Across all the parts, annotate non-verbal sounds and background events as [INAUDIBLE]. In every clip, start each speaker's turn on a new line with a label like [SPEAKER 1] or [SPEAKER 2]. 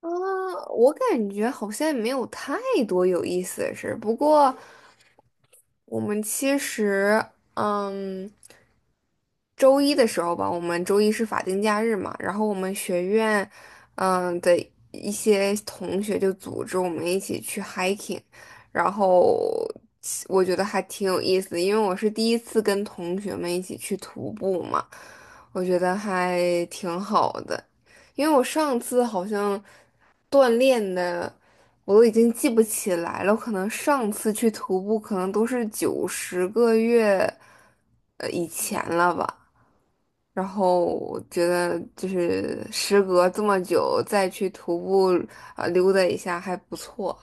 [SPEAKER 1] 啊，我感觉好像也没有太多有意思的事儿。不过我们其实，嗯，周一的时候吧，我们周一是法定假日嘛。然后我们学院，嗯的一些同学就组织我们一起去 hiking。然后我觉得还挺有意思的，因为我是第一次跟同学们一起去徒步嘛。我觉得还挺好的，因为我上次好像锻炼的。我都已经记不起来了，我可能上次去徒步可能都是九十个月以前了吧。然后我觉得就是时隔这么久再去徒步，溜达一下还不错。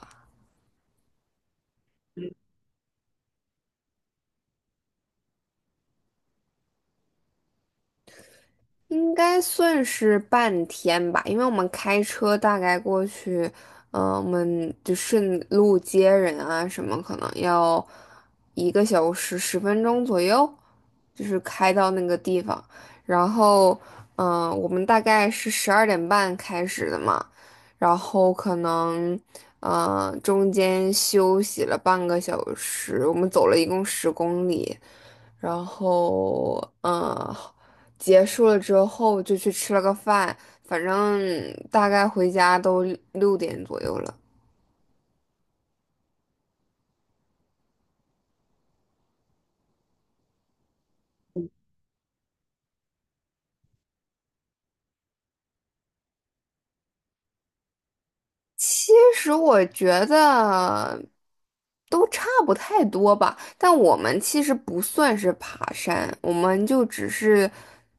[SPEAKER 1] 应该算是半天吧。因为我们开车大概过去，我们就顺路接人啊什么，可能要1个小时10分钟左右，就是开到那个地方。然后，我们大概是12点半开始的嘛。然后可能，中间休息了半个小时，我们走了一共十公里。然后，结束了之后就去吃了个饭，反正大概回家都六点左右了。其实我觉得都差不太多吧，但我们其实不算是爬山，我们就只是，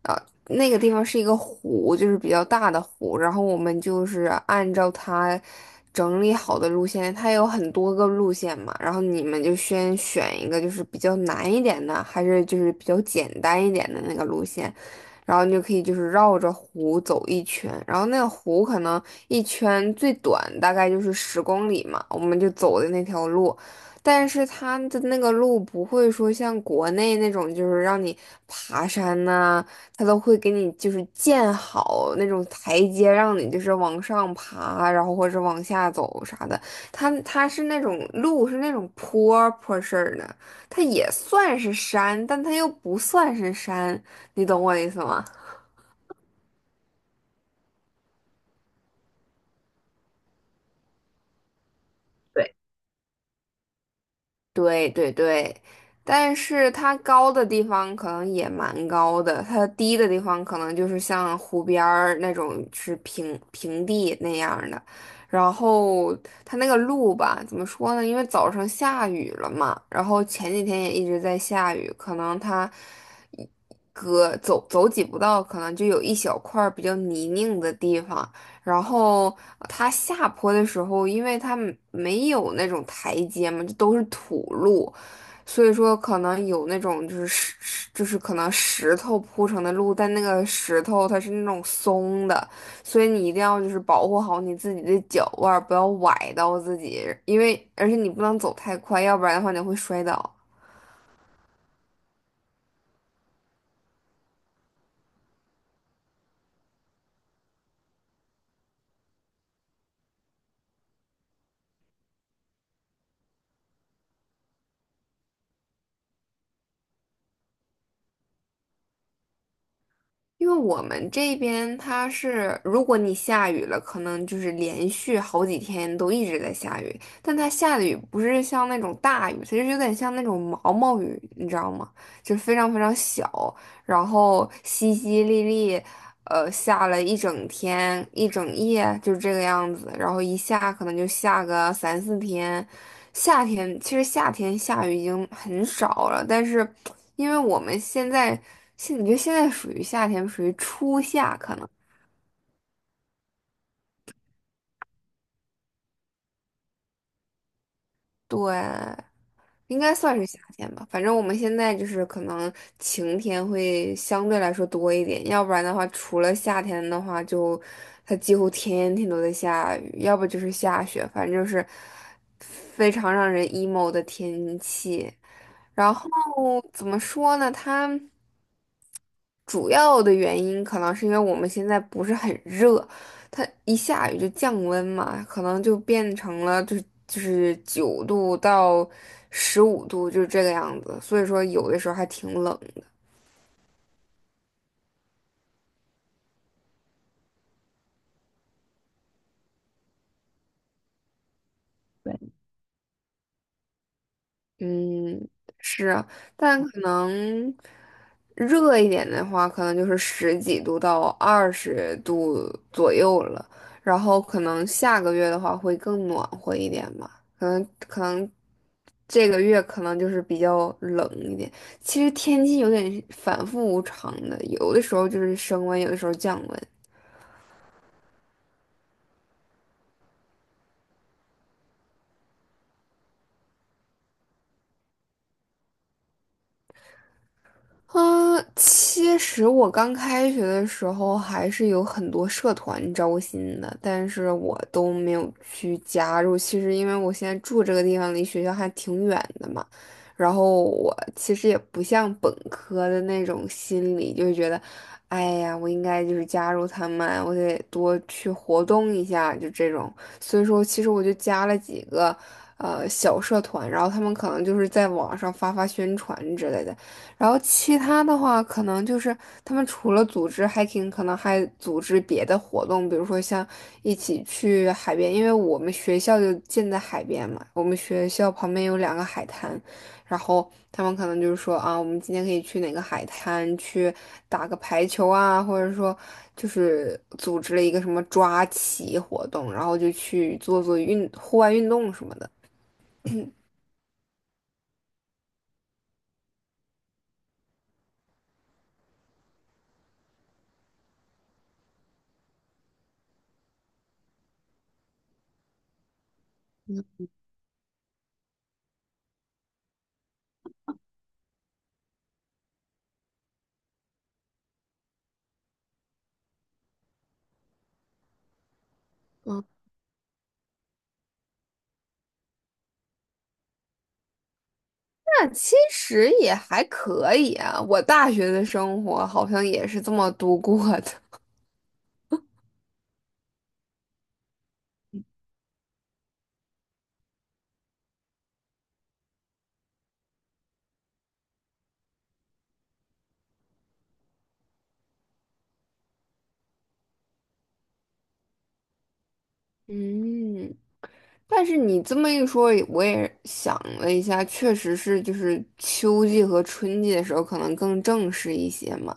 [SPEAKER 1] 呃，那个地方是一个湖，就是比较大的湖。然后我们就是按照它整理好的路线，它有很多个路线嘛。然后你们就先选一个就是比较难一点的，还是就是比较简单一点的那个路线。然后你就可以就是绕着湖走一圈。然后那个湖可能。一圈最短大概就是十公里嘛，我们就走的那条路。但是它的那个路不会说像国内那种，就是让你爬山呐、它都会给你就是建好那种台阶，让你就是往上爬，然后或者往下走啥的。它是那种路是那种坡坡式儿的。它也算是山，但它又不算是山。你懂我的意思吗？对。对对对。但是它高的地方可能也蛮高的，它低的地方可能就是像湖边儿那种是平平地那样儿的。然后它那个路吧，怎么说呢？因为早上下雨了嘛，然后前几天也一直在下雨。可能它一隔走走几步道，可能就有一小块儿比较泥泞的地方。然后它下坡的时候，因为它没有那种台阶嘛，就都是土路。所以说可能有那种就是就是可能石头铺成的路，但那个石头它是那种松的。所以你一定要就是保护好你自己的脚腕儿，不要崴到自己。因为而且你不能走太快，要不然的话你会摔倒。因为我们这边它是，如果你下雨了，可能就是连续好几天都一直在下雨。但它下的雨不是像那种大雨，它就是有点像那种毛毛雨，你知道吗？就是非常非常小，然后淅淅沥沥，下了一整天、一整夜，就是这个样子。然后一下可能就下个三四天。夏天其实夏天下雨已经很少了，但是因为我们现在你觉得现在属于夏天，属于初夏可能。对，应该算是夏天吧。反正我们现在就是可能晴天会相对来说多一点。要不然的话，除了夏天的话就，它几乎天天都在下雨，要不就是下雪，反正就是非常让人 emo 的天气。然后怎么说呢？它。主要的原因可能是因为我们现在不是很热，它一下雨就降温嘛，可能就变成了就是9度到15度，就是这个样子，所以说有的时候还挺冷。嗯，是啊。但可能热一点的话，可能就是十几度到20度左右了。然后可能下个月的话会更暖和一点吧，可能这个月可能就是比较冷一点。其实天气有点反复无常的，有的时候就是升温，有的时候降温。嗯，其实我刚开学的时候还是有很多社团招新的，但是我都没有去加入。其实因为我现在住这个地方离学校还挺远的嘛。然后我其实也不像本科的那种心理，就是觉得，哎呀，我应该就是加入他们，我得多去活动一下，就这种。所以说，其实我就加了几个小社团。然后他们可能就是在网上发发宣传之类的。然后其他的话，可能就是他们除了组织 hiking，可能还组织别的活动，比如说像一起去海边，因为我们学校就建在海边嘛，我们学校旁边有两个海滩。然后他们可能就是说啊，我们今天可以去哪个海滩去打个排球啊，或者说就是组织了一个什么抓棋活动，然后就去做做户外运动什么的。那其实也还可以啊，我大学的生活好像也是这么度过的。嗯，但是你这么一说，我也想了一下，确实是就是秋季和春季的时候可能更正式一些嘛，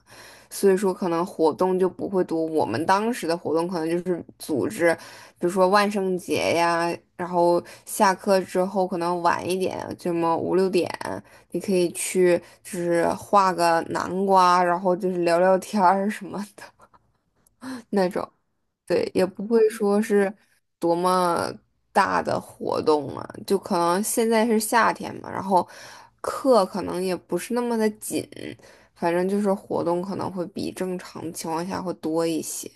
[SPEAKER 1] 所以说可能活动就不会多。我们当时的活动可能就是组织，比如说万圣节呀，然后下课之后可能晚一点，这么五六点，你可以去就是画个南瓜，然后就是聊聊天儿什么的 [LAUGHS] 那种。对，也不会说是多么大的活动嘛，就可能现在是夏天嘛，然后课可能也不是那么的紧，反正就是活动可能会比正常情况下会多一些。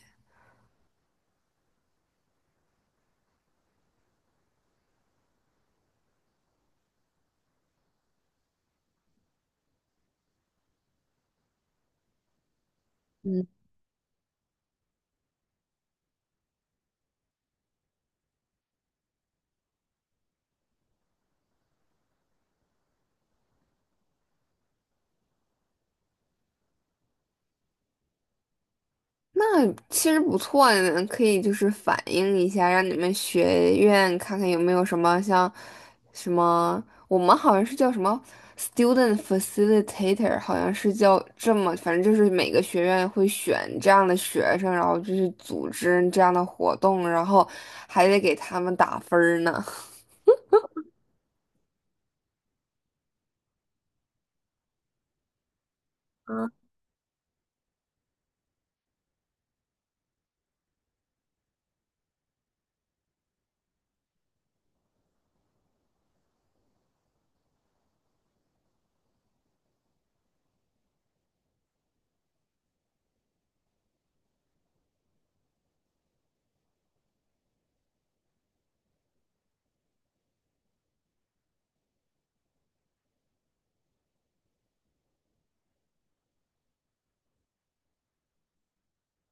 [SPEAKER 1] 那其实不错呢，嗯可以就是反映一下，让你们学院看看有没有什么像什么，我们好像是叫什么 student facilitator，好像是叫这么，反正就是每个学院会选这样的学生，然后就是组织这样的活动，然后还得给他们打分儿呢。[LAUGHS]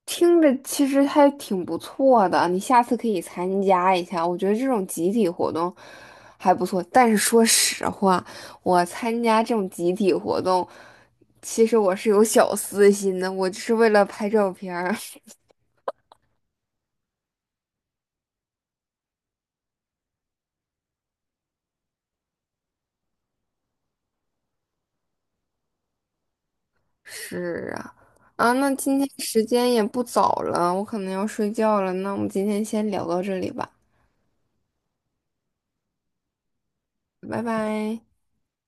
[SPEAKER 1] 听着其实还挺不错的，你下次可以参加一下。我觉得这种集体活动还不错。但是说实话，我参加这种集体活动，其实我是有小私心的，我就是为了拍照片儿。[LAUGHS] 是啊。啊，那今天时间也不早了，我可能要睡觉了，那我们今天先聊到这里吧。拜拜。